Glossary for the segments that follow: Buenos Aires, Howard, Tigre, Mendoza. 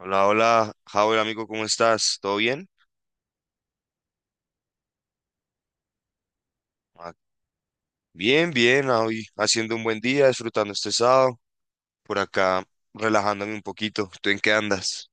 Hola, hola, Howard, amigo, ¿cómo estás? ¿Todo bien? Ah, bien, bien, hoy haciendo un buen día, disfrutando este sábado, por acá relajándome un poquito. ¿Tú en qué andas?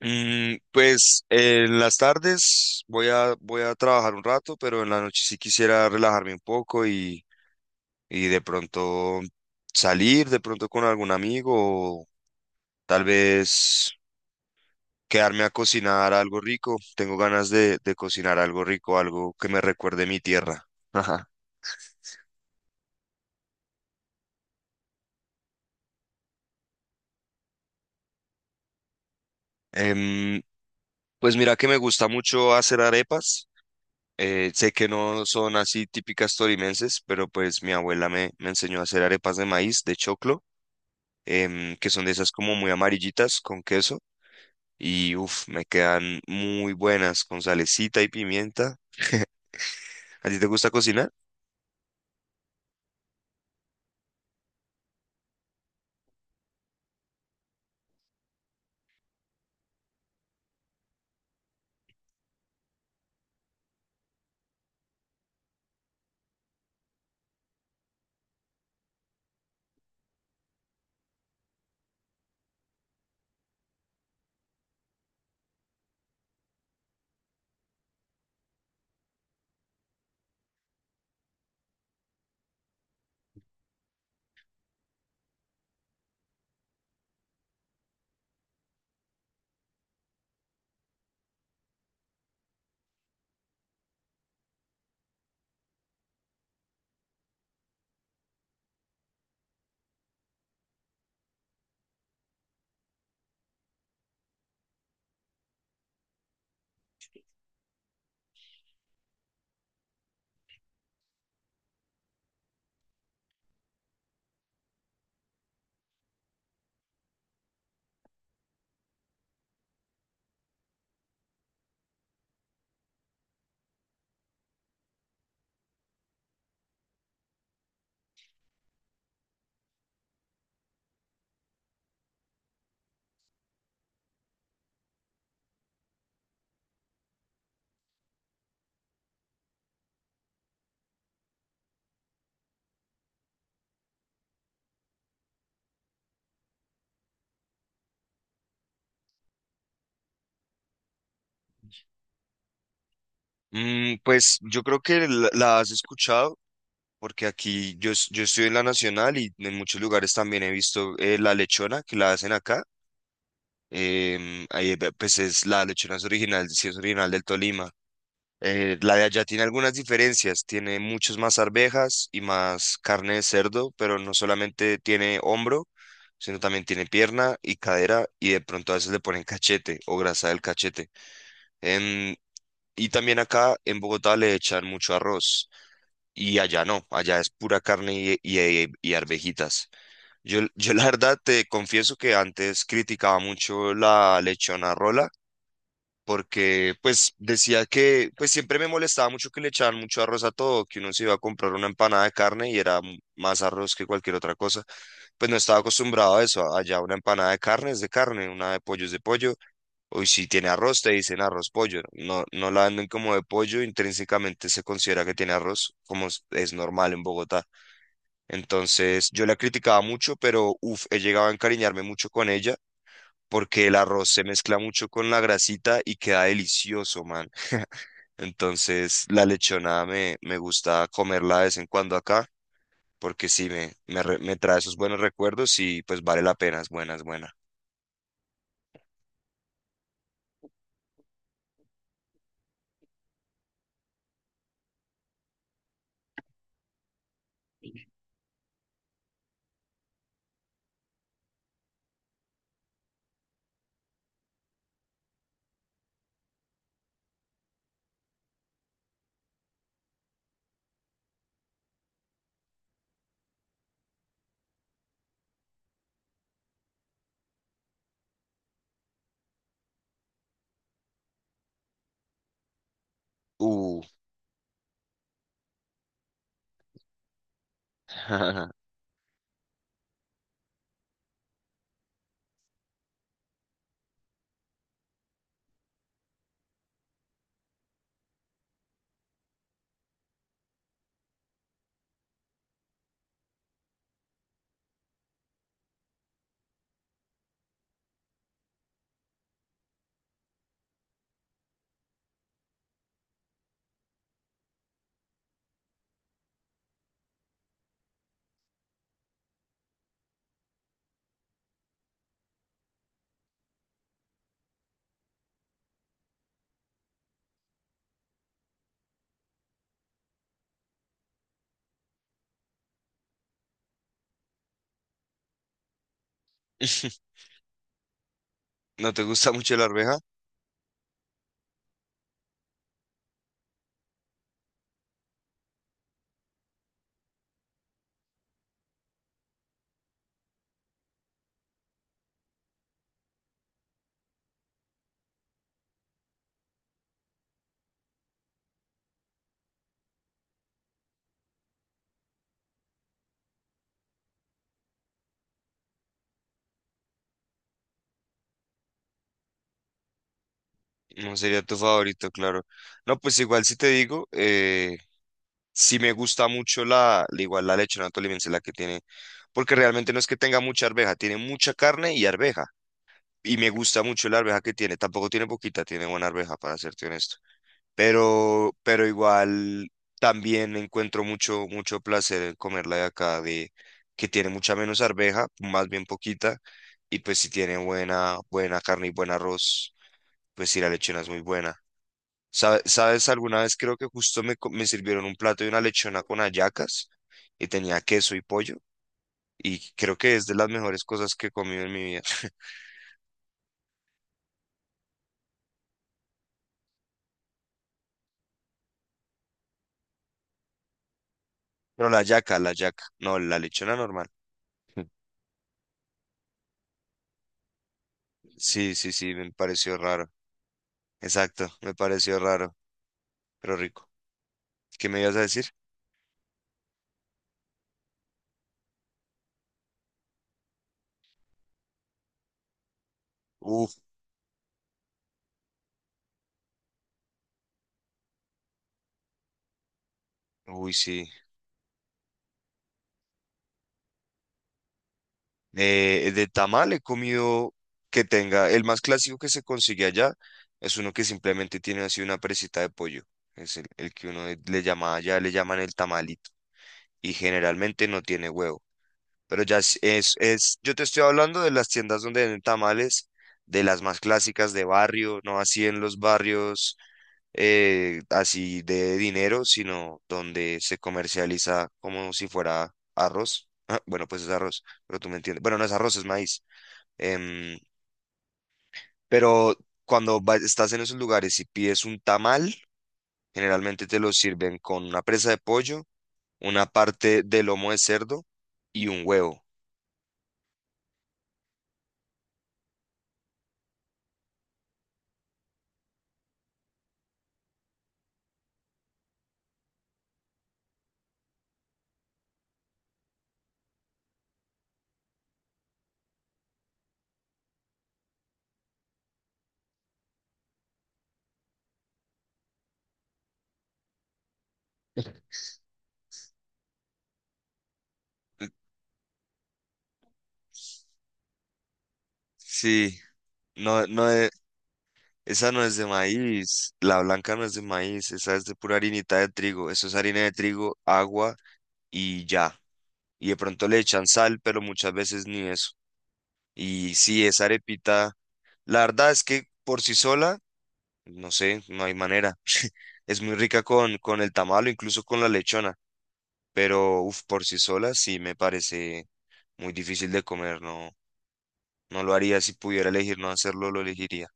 Pues en las tardes voy a trabajar un rato, pero en la noche sí quisiera relajarme un poco y de pronto salir, de pronto con algún amigo o tal vez quedarme a cocinar algo rico. Tengo ganas de cocinar algo rico, algo que me recuerde mi tierra. Em, pues mira que me gusta mucho hacer arepas. Sé que no son así típicas tolimenses, pero pues mi abuela me enseñó a hacer arepas de maíz, de choclo, que son de esas como muy amarillitas con queso. Y uff, me quedan muy buenas con salecita y pimienta. ¿A ti te gusta cocinar? Pues yo creo que la has escuchado, porque aquí yo, yo estoy en la Nacional y en muchos lugares también he visto la lechona que la hacen acá ahí, pues es la lechona es original, sí es original del Tolima. La de allá tiene algunas diferencias, tiene muchos más arvejas y más carne de cerdo, pero no solamente tiene hombro, sino también tiene pierna y cadera y de pronto a veces le ponen cachete o grasa del cachete. Em, y también acá en Bogotá le echan mucho arroz y allá no, allá es pura carne y arvejitas. Yo la verdad te confieso que antes criticaba mucho la lechona rola porque pues decía que pues siempre me molestaba mucho que le echaban mucho arroz a todo, que uno se iba a comprar una empanada de carne y era más arroz que cualquier otra cosa. Pues no estaba acostumbrado a eso, allá una empanada de carne es de carne, una de pollo es de pollo, o si tiene arroz te dicen arroz pollo, no, no la venden como de pollo, intrínsecamente se considera que tiene arroz, como es normal en Bogotá. Entonces yo la criticaba mucho, pero uff, he llegado a encariñarme mucho con ella. Porque el arroz se mezcla mucho con la grasita y queda delicioso, man. Entonces, la lechona me gusta comerla de vez en cuando acá, porque sí, me trae esos buenos recuerdos y pues vale la pena, es buena, es buena. Uh. ¿No te gusta mucho la arveja? No sería tu favorito, claro. No, pues igual si te digo, sí me gusta mucho igual la lechona tolimense, la que tiene, porque realmente no es que tenga mucha arveja, tiene mucha carne y arveja. Y me gusta mucho la arveja que tiene. Tampoco tiene poquita, tiene buena arveja, para serte honesto. Pero igual también encuentro mucho, mucho placer en comerla de acá, de que tiene mucha menos arveja, más bien poquita. Y pues si tiene buena, buena carne y buen arroz, pues sí, la lechona es muy buena. ¿Sabes? Alguna vez creo que justo me sirvieron un plato de una lechona con hallacas y tenía queso y pollo. Y creo que es de las mejores cosas que he comido en mi vida. Pero la hallaca, la hallaca. No, la lechona normal. Sí, sí, sí, me pareció raro. Exacto, me pareció raro, pero rico. ¿Qué me ibas a decir? Uf, uy, sí. De tamal he comido que tenga. El más clásico que se consigue allá es uno que simplemente tiene así una presita de pollo. Es el que uno le llama allá, le llaman el tamalito. Y generalmente no tiene huevo. Pero ya yo te estoy hablando de las tiendas donde venden tamales, de las más clásicas de barrio, no así en los barrios así de dinero, sino donde se comercializa como si fuera arroz. Ah, bueno, pues es arroz, pero tú me entiendes. Bueno, no es arroz, es maíz. Em, pero estás en esos lugares y pides un tamal, generalmente te lo sirven con una presa de pollo, una parte de lomo de cerdo y un huevo. Sí, no, no es- esa no es de maíz, la blanca no es de maíz, esa es de pura harinita de trigo, eso es harina de trigo, agua y ya. Y de pronto le echan sal, pero muchas veces ni eso. Y sí, esa arepita, la verdad es que por sí sola, no sé, no hay manera. Es muy rica con el tamal o incluso con la lechona, pero uf, por sí sola sí me parece muy difícil de comer, no, no lo haría si pudiera elegir no hacerlo, lo elegiría.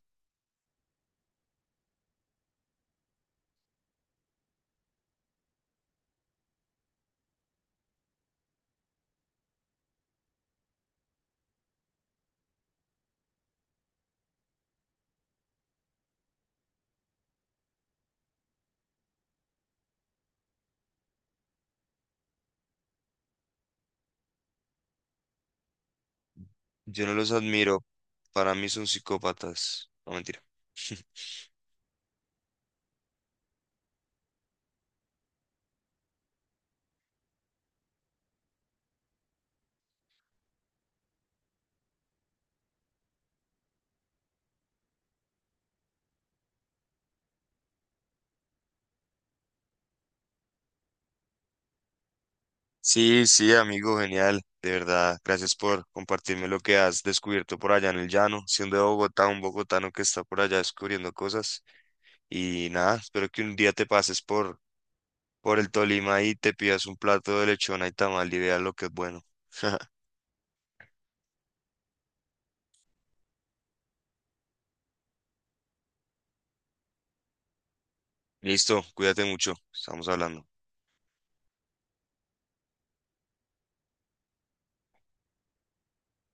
Yo no los admiro, para mí son psicópatas, no mentira. Sí, sí, amigo, genial, de verdad. Gracias por compartirme lo que has descubierto por allá en el llano, siendo de Bogotá, un bogotano que está por allá descubriendo cosas. Y nada, espero que un día te pases por el Tolima y te pidas un plato de lechona y tamal y veas lo que es bueno. Listo, cuídate mucho, estamos hablando.